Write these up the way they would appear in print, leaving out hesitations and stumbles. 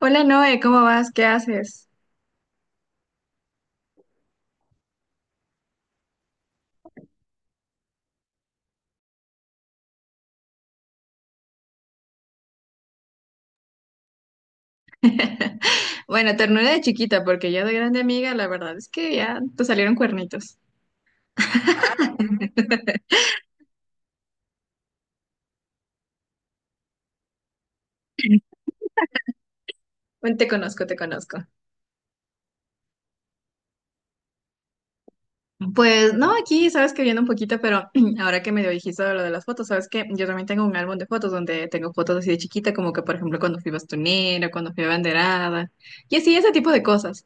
Hola Noé, ¿cómo vas? ¿Qué haces? Bueno, ternura de chiquita, porque ya de grande amiga, la verdad es que ya te salieron cuernitos. Bueno, te conozco, te conozco. Pues no, aquí sabes que viendo un poquito, pero ahora que me dijiste lo de las fotos, sabes que yo también tengo un álbum de fotos donde tengo fotos así de chiquita, como que por ejemplo cuando fui bastonera, cuando fui banderada, y así ese tipo de cosas.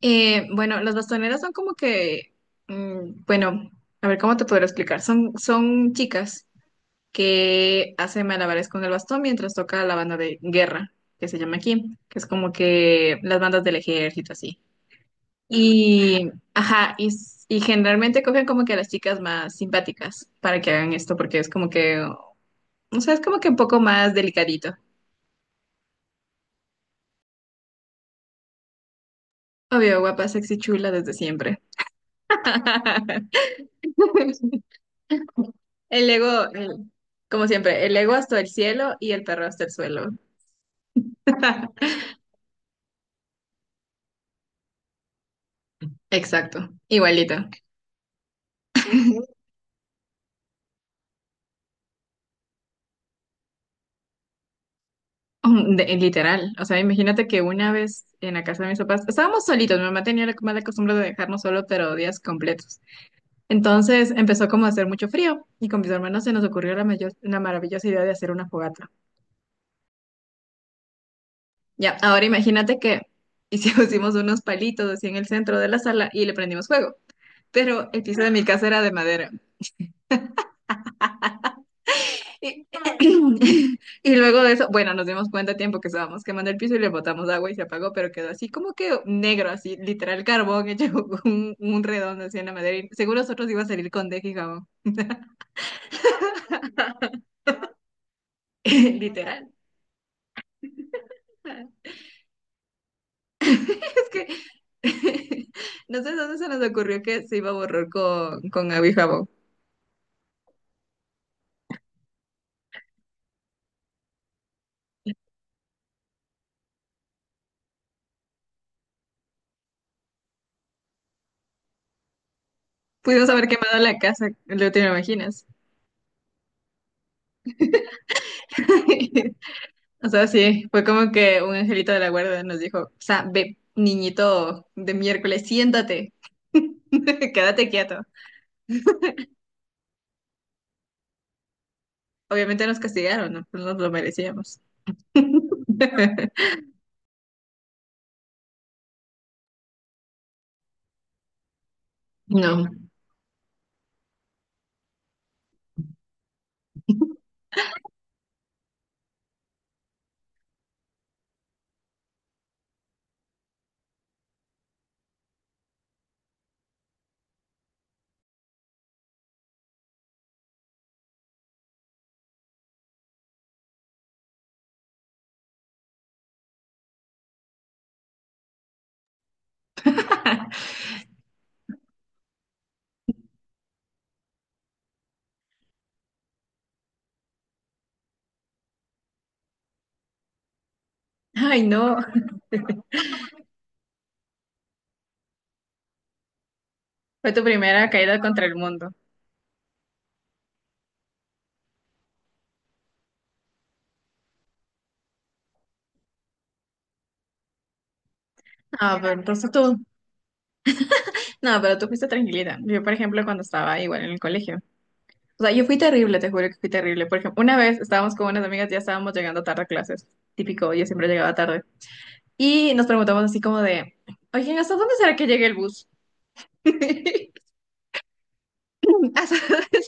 Bueno, las bastoneras son como que, bueno, a ver cómo te podré explicar, son chicas. Que hace malabares con el bastón mientras toca la banda de guerra, que se llama aquí, que es como que las bandas del ejército, así. Y, ajá, y generalmente cogen como que a las chicas más simpáticas para que hagan esto, porque es como que, o sea, es como que un poco más delicadito. Obvio, guapa, sexy, chula desde siempre. El ego, el- como siempre, el ego hasta el cielo y el perro hasta el suelo. Exacto, igualito. Literal, o sea, imagínate que una vez en la casa de mis papás, estábamos solitos, mi mamá tenía la mala costumbre de dejarnos solo, pero días completos. Entonces empezó como a hacer mucho frío y con mis hermanos se nos ocurrió la maravillosa idea de hacer una fogata. Ya, ahora imagínate que hicimos pusimos unos palitos así en el centro de la sala y le prendimos fuego, pero el piso de mi casa era de madera. Y, y luego de eso, bueno, nos dimos cuenta a tiempo que estábamos quemando el piso y le botamos agua y se apagó, pero quedó así como que negro, así, literal carbón hecho un redondo así en la madera. Y seguro nosotros iba a salir con deje y jabón. Literal. Es que no sé dónde se nos ocurrió que se iba a borrar con agua y jabón. Pudimos haber quemado la casa, lo te imaginas. O sea, sí, fue como que un angelito de la guarda nos dijo, o sea, ve, niñito de miércoles, siéntate, quédate quieto. Obviamente nos castigaron, no. No nos lo merecíamos. No. Ay, no, fue tu primera caída contra el mundo. Ah, pero entonces tú, no, pero tú fuiste tranquilita. Yo, por ejemplo, cuando estaba igual en el colegio. O sea, yo fui terrible, te juro que fui terrible. Por ejemplo, una vez estábamos con unas amigas, ya estábamos llegando tarde a clases. Típico, yo siempre llegaba tarde. Y nos preguntamos así como de, oye, ¿hasta dónde será que llegue el bus? Hasta-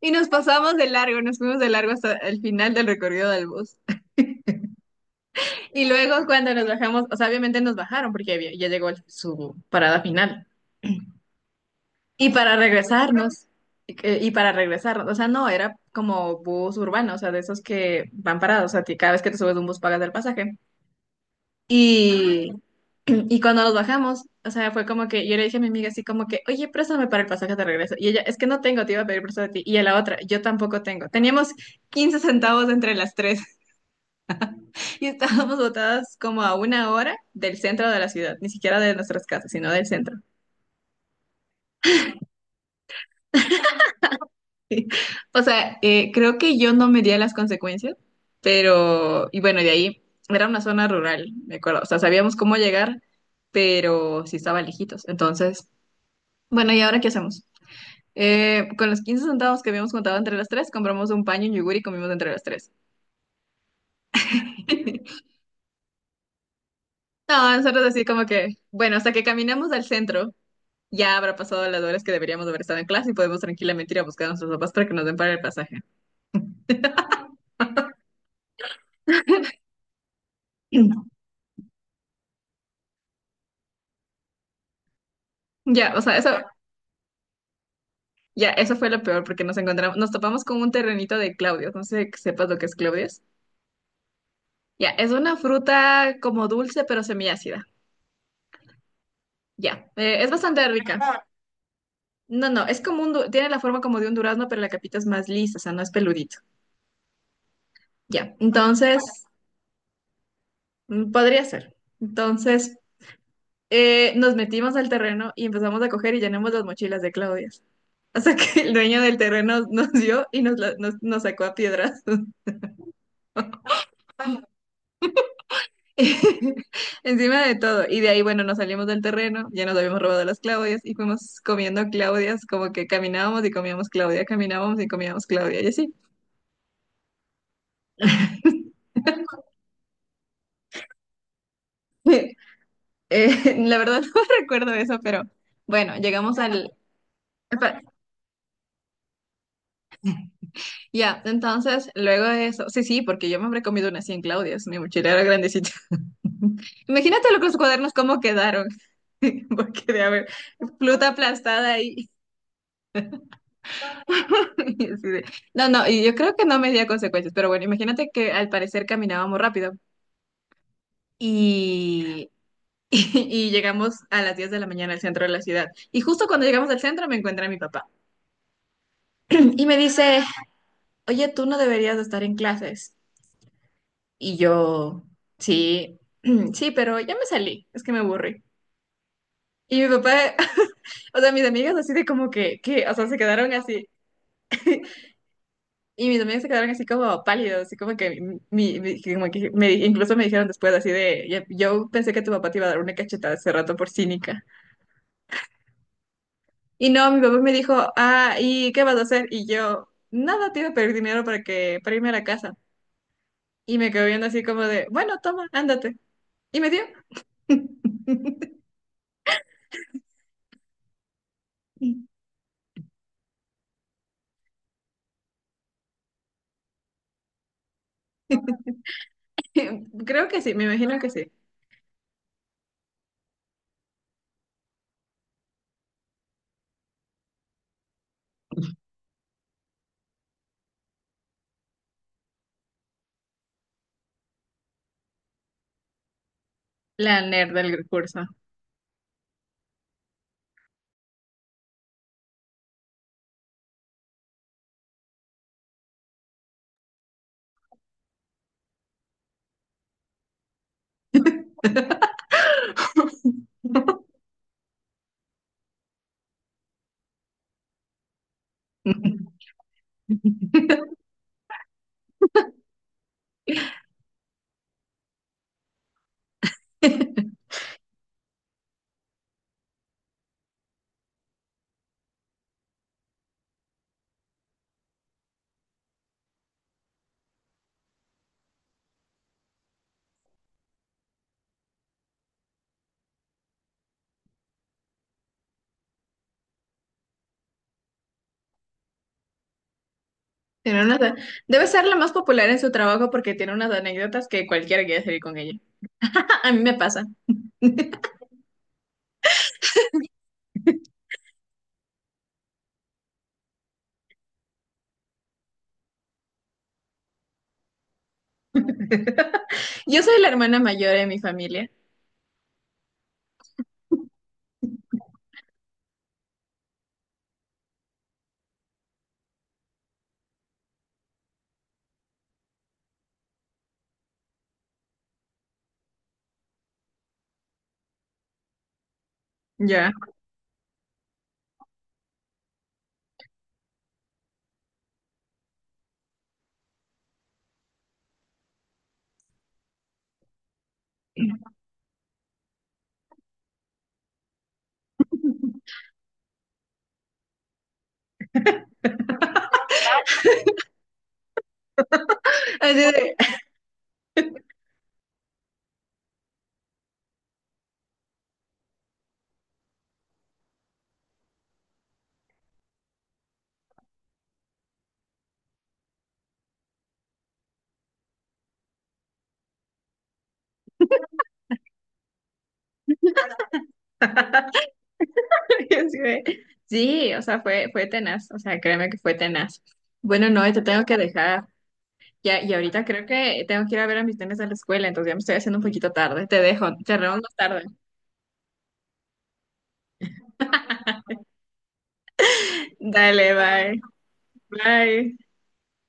Y nos pasamos de largo, nos fuimos de largo hasta el final del recorrido del bus. Y luego cuando nos bajamos, o sea, obviamente nos bajaron porque ya llegó su parada final. Y para regresarnos, o sea, no, era como bus urbano, o sea, de esos que van parados, o sea, que cada vez que te subes a un bus pagas el pasaje. Y Y cuando nos bajamos, o sea, fue como que yo le dije a mi amiga así como que, oye, préstame para el pasaje de regreso. Y ella, es que no tengo, te iba a pedir prestado a ti. Y a la otra, yo tampoco tengo. Teníamos 15 centavos entre las tres. Y estábamos botadas como a una hora del centro de la ciudad, ni siquiera de nuestras casas, sino del centro. O sea, creo que yo no medía las consecuencias, pero, y bueno, de ahí era una zona rural, me acuerdo. O sea, sabíamos cómo llegar, pero sí estaba lejitos. Entonces, bueno, ¿y ahora qué hacemos? Con los 15 centavos que habíamos juntado entre las tres, compramos un paño, y un yogur y comimos entre las tres. No, nosotros así como que, bueno, hasta que caminemos al centro, ya habrá pasado las horas que deberíamos haber estado en clase y podemos tranquilamente ir a buscar a nuestros papás para que nos den para el pasaje. Ya, o sea, eso, ya, eso fue lo peor porque nos encontramos, nos topamos con un terrenito de Claudios. No sé que sepas lo que es Claudios. Ya, es una fruta como dulce pero semiácida. Ya, es bastante rica. No, no, es como tiene la forma como de un durazno, pero la capita es más lisa, o sea, no es peludito. Ya, entonces, podría ser. Entonces, nos metimos al terreno y empezamos a coger y llenamos las mochilas de claudias. Hasta que el dueño del terreno nos dio y nos sacó a piedras. Encima de todo. Y de ahí, bueno, nos salimos del terreno, ya nos habíamos robado las Claudias y fuimos comiendo Claudias, como que caminábamos y comíamos Claudia, caminábamos y comíamos Claudia, y así. La verdad no recuerdo eso, pero bueno, llegamos al... Ya, entonces, luego de eso, sí, sí, porque yo me habré comido unas 100 Claudias, mi mochila era grandecita. Imagínate lo que los cuadernos cómo quedaron, porque de haber fruta aplastada ahí. y así de- No, no, y yo creo que no me di a consecuencias, pero bueno, imagínate que al parecer caminábamos rápido y, y llegamos a las 10 de la mañana al centro de la ciudad. Y justo cuando llegamos al centro me encuentra mi papá y me dice, oye, tú no deberías de estar en clases. Y yo, sí, sí, pero ya me salí, es que me aburrí. Y mi papá, o sea, mis amigas así de como que, o sea, se quedaron así. Y mis amigas se quedaron así como pálidos, así como que, mi, que como que me, incluso me dijeron después así de, "Ya- yo pensé que tu papá te iba a dar una cachetada hace rato por cínica. Y no, mi papá me dijo, ah, ¿y qué vas a hacer? Y yo, nada, te iba a pedir dinero para que, para irme a la casa. Y me quedó viendo así como de, bueno, toma, ándate. Y me dio. Creo que sí, me imagino que sí. La nerd del curso. Tiene unas- Debe ser la más popular en su trabajo porque tiene unas anécdotas que cualquiera quiere salir con ella. A mí me pasa. Yo soy la hermana mayor de mi familia. Ya. Así de- Sí, o sea, fue, fue tenaz. O sea, créeme que fue tenaz. Bueno, no, te tengo que dejar. Ya, y ahorita creo que tengo que ir a ver a mis nenes a la escuela, entonces ya me estoy haciendo un poquito tarde. Te dejo, te vemos más tarde. Dale, bye. Bye.